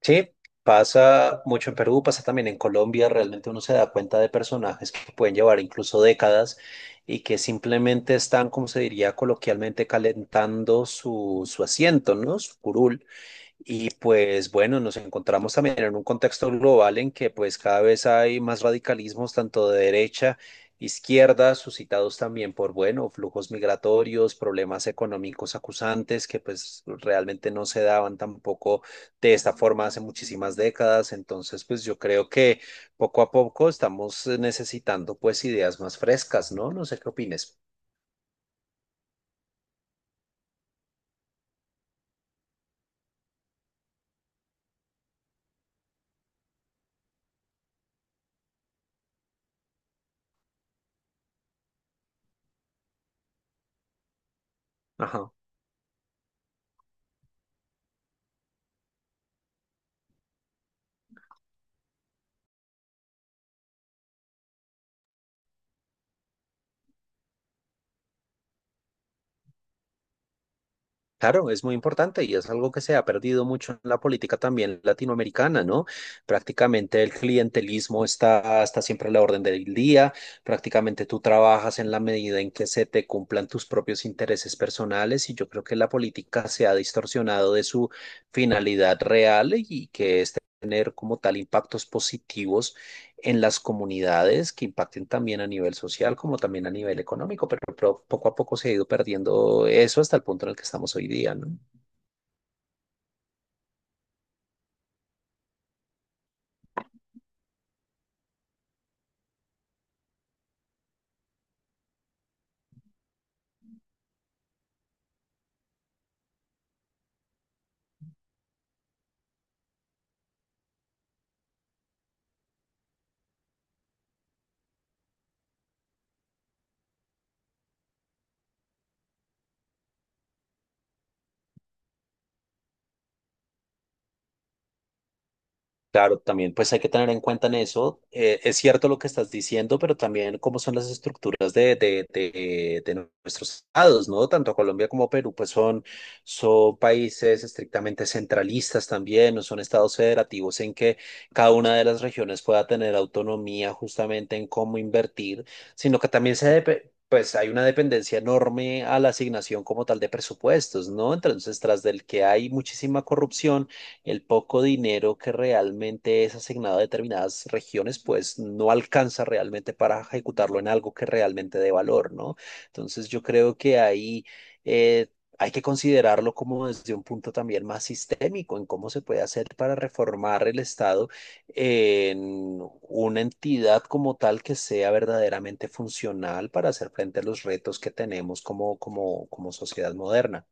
Sí, pasa mucho en Perú, pasa también en Colombia, realmente uno se da cuenta de personajes que pueden llevar incluso décadas y que simplemente están, como se diría coloquialmente, calentando su asiento, ¿no? Su curul. Y pues bueno, nos encontramos también en un contexto global en que pues cada vez hay más radicalismos tanto de derecha, izquierda, suscitados también por, bueno, flujos migratorios, problemas económicos acusantes que pues realmente no se daban tampoco de esta forma hace muchísimas décadas. Entonces pues yo creo que poco a poco estamos necesitando pues ideas más frescas, ¿no? No sé qué opines. Ajá. Claro, es muy importante y es algo que se ha perdido mucho en la política también latinoamericana, ¿no? Prácticamente el clientelismo está siempre a la orden del día, prácticamente tú trabajas en la medida en que se te cumplan tus propios intereses personales y yo creo que la política se ha distorsionado de su finalidad real y que es tener como tal impactos positivos en las comunidades que impacten también a nivel social como también a nivel económico, pero poco a poco se ha ido perdiendo eso hasta el punto en el que estamos hoy día, ¿no? Claro, también pues hay que tener en cuenta en eso. Es cierto lo que estás diciendo, pero también cómo son las estructuras de nuestros estados, ¿no? Tanto Colombia como Perú, pues son países estrictamente centralistas también, no son estados federativos en que cada una de las regiones pueda tener autonomía justamente en cómo invertir, sino que también pues hay una dependencia enorme a la asignación como tal de presupuestos, ¿no? Entonces, tras del que hay muchísima corrupción, el poco dinero que realmente es asignado a determinadas regiones, pues no alcanza realmente para ejecutarlo en algo que realmente dé valor, ¿no? Entonces yo creo que ahí… eh, hay que considerarlo como desde un punto también más sistémico en cómo se puede hacer para reformar el Estado en una entidad como tal que sea verdaderamente funcional para hacer frente a los retos que tenemos como sociedad moderna.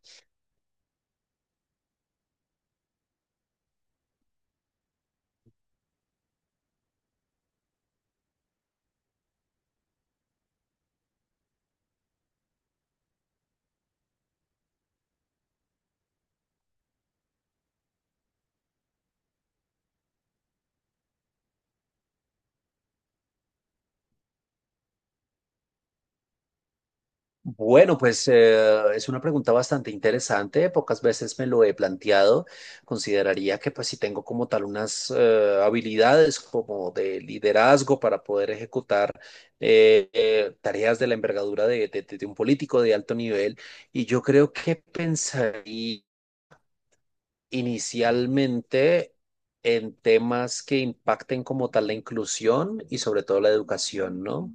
Bueno, pues es una pregunta bastante interesante. Pocas veces me lo he planteado. Consideraría que pues si tengo como tal unas habilidades como de liderazgo para poder ejecutar tareas de la envergadura de un político de alto nivel. Y yo creo que pensaría inicialmente en temas que impacten como tal la inclusión y sobre todo la educación, ¿no?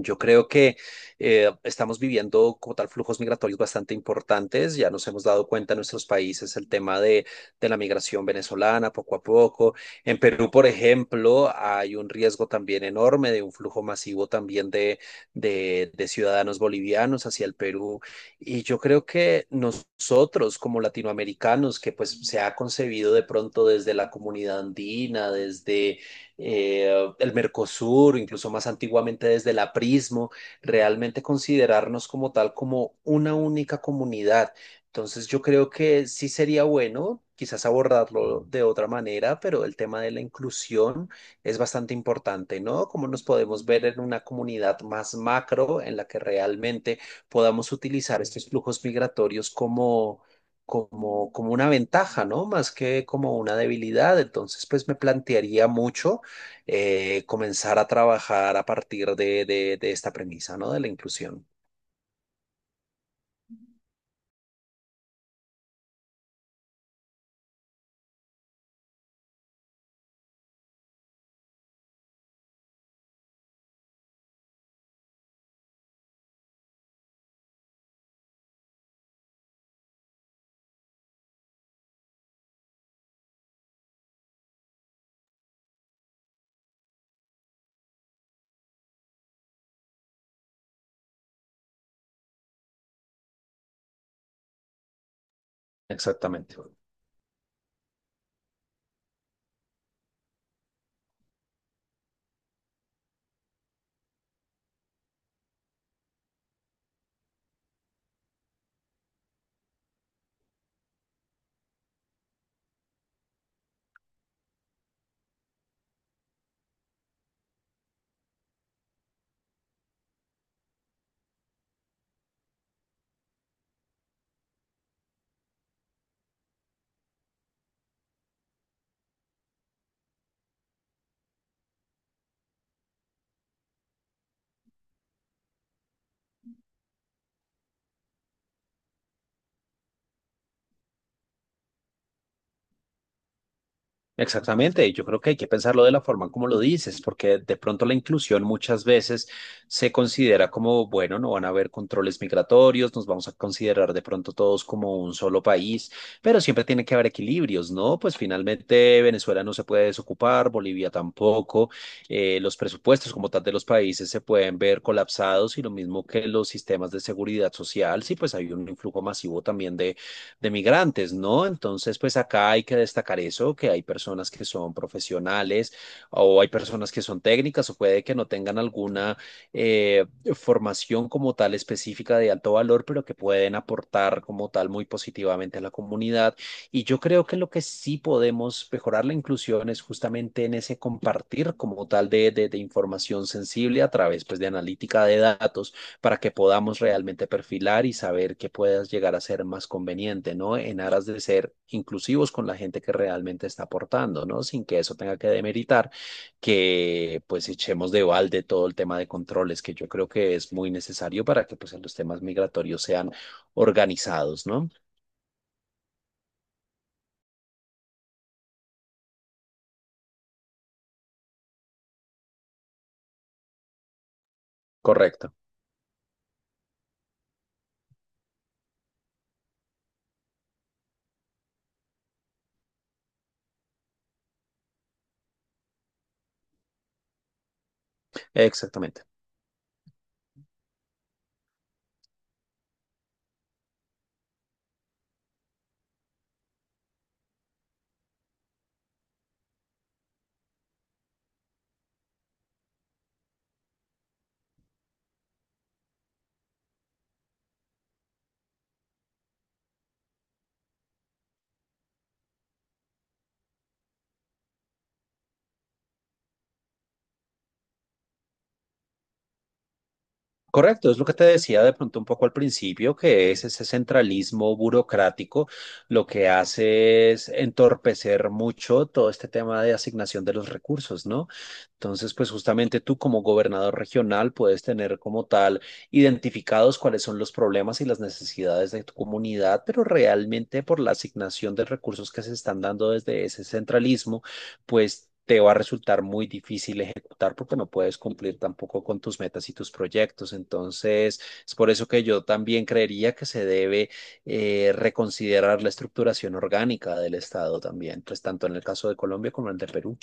Yo creo que estamos viviendo como tal flujos migratorios bastante importantes. Ya nos hemos dado cuenta en nuestros países el tema de la migración venezolana poco a poco. En Perú, por ejemplo, hay un riesgo también enorme de un flujo masivo también de ciudadanos bolivianos hacia el Perú. Y yo creo que nosotros como latinoamericanos, que pues se ha concebido de pronto desde la comunidad andina, desde el Mercosur, incluso más antiguamente desde el aprismo, realmente considerarnos como tal, como una única comunidad. Entonces yo creo que sí sería bueno quizás abordarlo de otra manera, pero el tema de la inclusión es bastante importante, ¿no? Cómo nos podemos ver en una comunidad más macro en la que realmente podamos utilizar estos flujos migratorios como una ventaja, ¿no? Más que como una debilidad. Entonces, pues me plantearía mucho comenzar a trabajar a partir de esta premisa, ¿no? De la inclusión. Exactamente. Exactamente, y yo creo que hay que pensarlo de la forma como lo dices, porque de pronto la inclusión muchas veces se considera como, bueno, no van a haber controles migratorios, nos vamos a considerar de pronto todos como un solo país, pero siempre tiene que haber equilibrios, ¿no? Pues finalmente Venezuela no se puede desocupar, Bolivia tampoco, los presupuestos como tal de los países se pueden ver colapsados y lo mismo que los sistemas de seguridad social, sí, pues hay un influjo masivo también de migrantes, ¿no? Entonces, pues acá hay que destacar eso, que hay personas que son profesionales o hay personas que son técnicas o puede que no tengan alguna eh, formación como tal específica de alto valor, pero que pueden aportar como tal muy positivamente a la comunidad. Y yo creo que lo que sí podemos mejorar la inclusión es justamente en ese compartir como tal de información sensible a través pues de analítica de datos para que podamos realmente perfilar y saber qué puedas llegar a ser más conveniente, ¿no? En aras de ser inclusivos con la gente que realmente está aportando, ¿no? Sin que eso tenga que demeritar que pues echemos de balde todo el tema de controles, que yo creo que es muy necesario para que pues los temas migratorios sean organizados, ¿no? Correcto, exactamente. Correcto, es lo que te decía de pronto un poco al principio, que es ese centralismo burocrático, lo que hace es entorpecer mucho todo este tema de asignación de los recursos, ¿no? Entonces, pues justamente tú como gobernador regional puedes tener como tal identificados cuáles son los problemas y las necesidades de tu comunidad, pero realmente por la asignación de recursos que se están dando desde ese centralismo, pues… te va a resultar muy difícil ejecutar porque no puedes cumplir tampoco con tus metas y tus proyectos. Entonces, es por eso que yo también creería que se debe reconsiderar la estructuración orgánica del Estado también, pues tanto en el caso de Colombia como en el de Perú.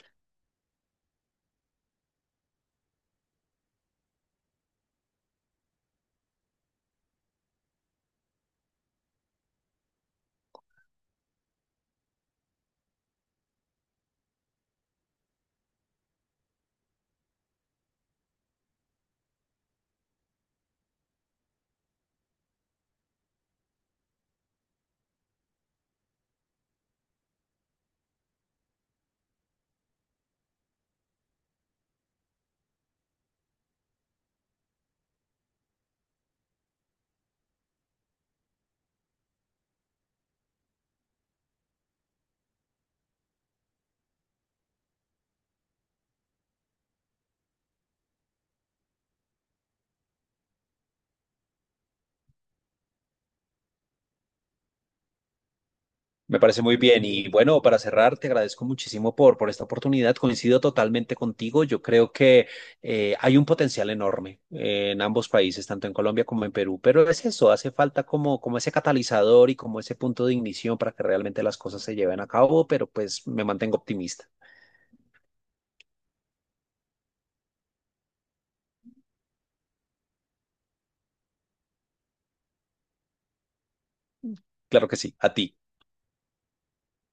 Me parece muy bien. Y bueno, para cerrar, te agradezco muchísimo por esta oportunidad. Coincido totalmente contigo. Yo creo que hay un potencial enorme en ambos países, tanto en Colombia como en Perú. Pero es eso, hace falta como ese catalizador y como ese punto de ignición para que realmente las cosas se lleven a cabo. Pero pues me mantengo optimista. Claro que sí, a ti.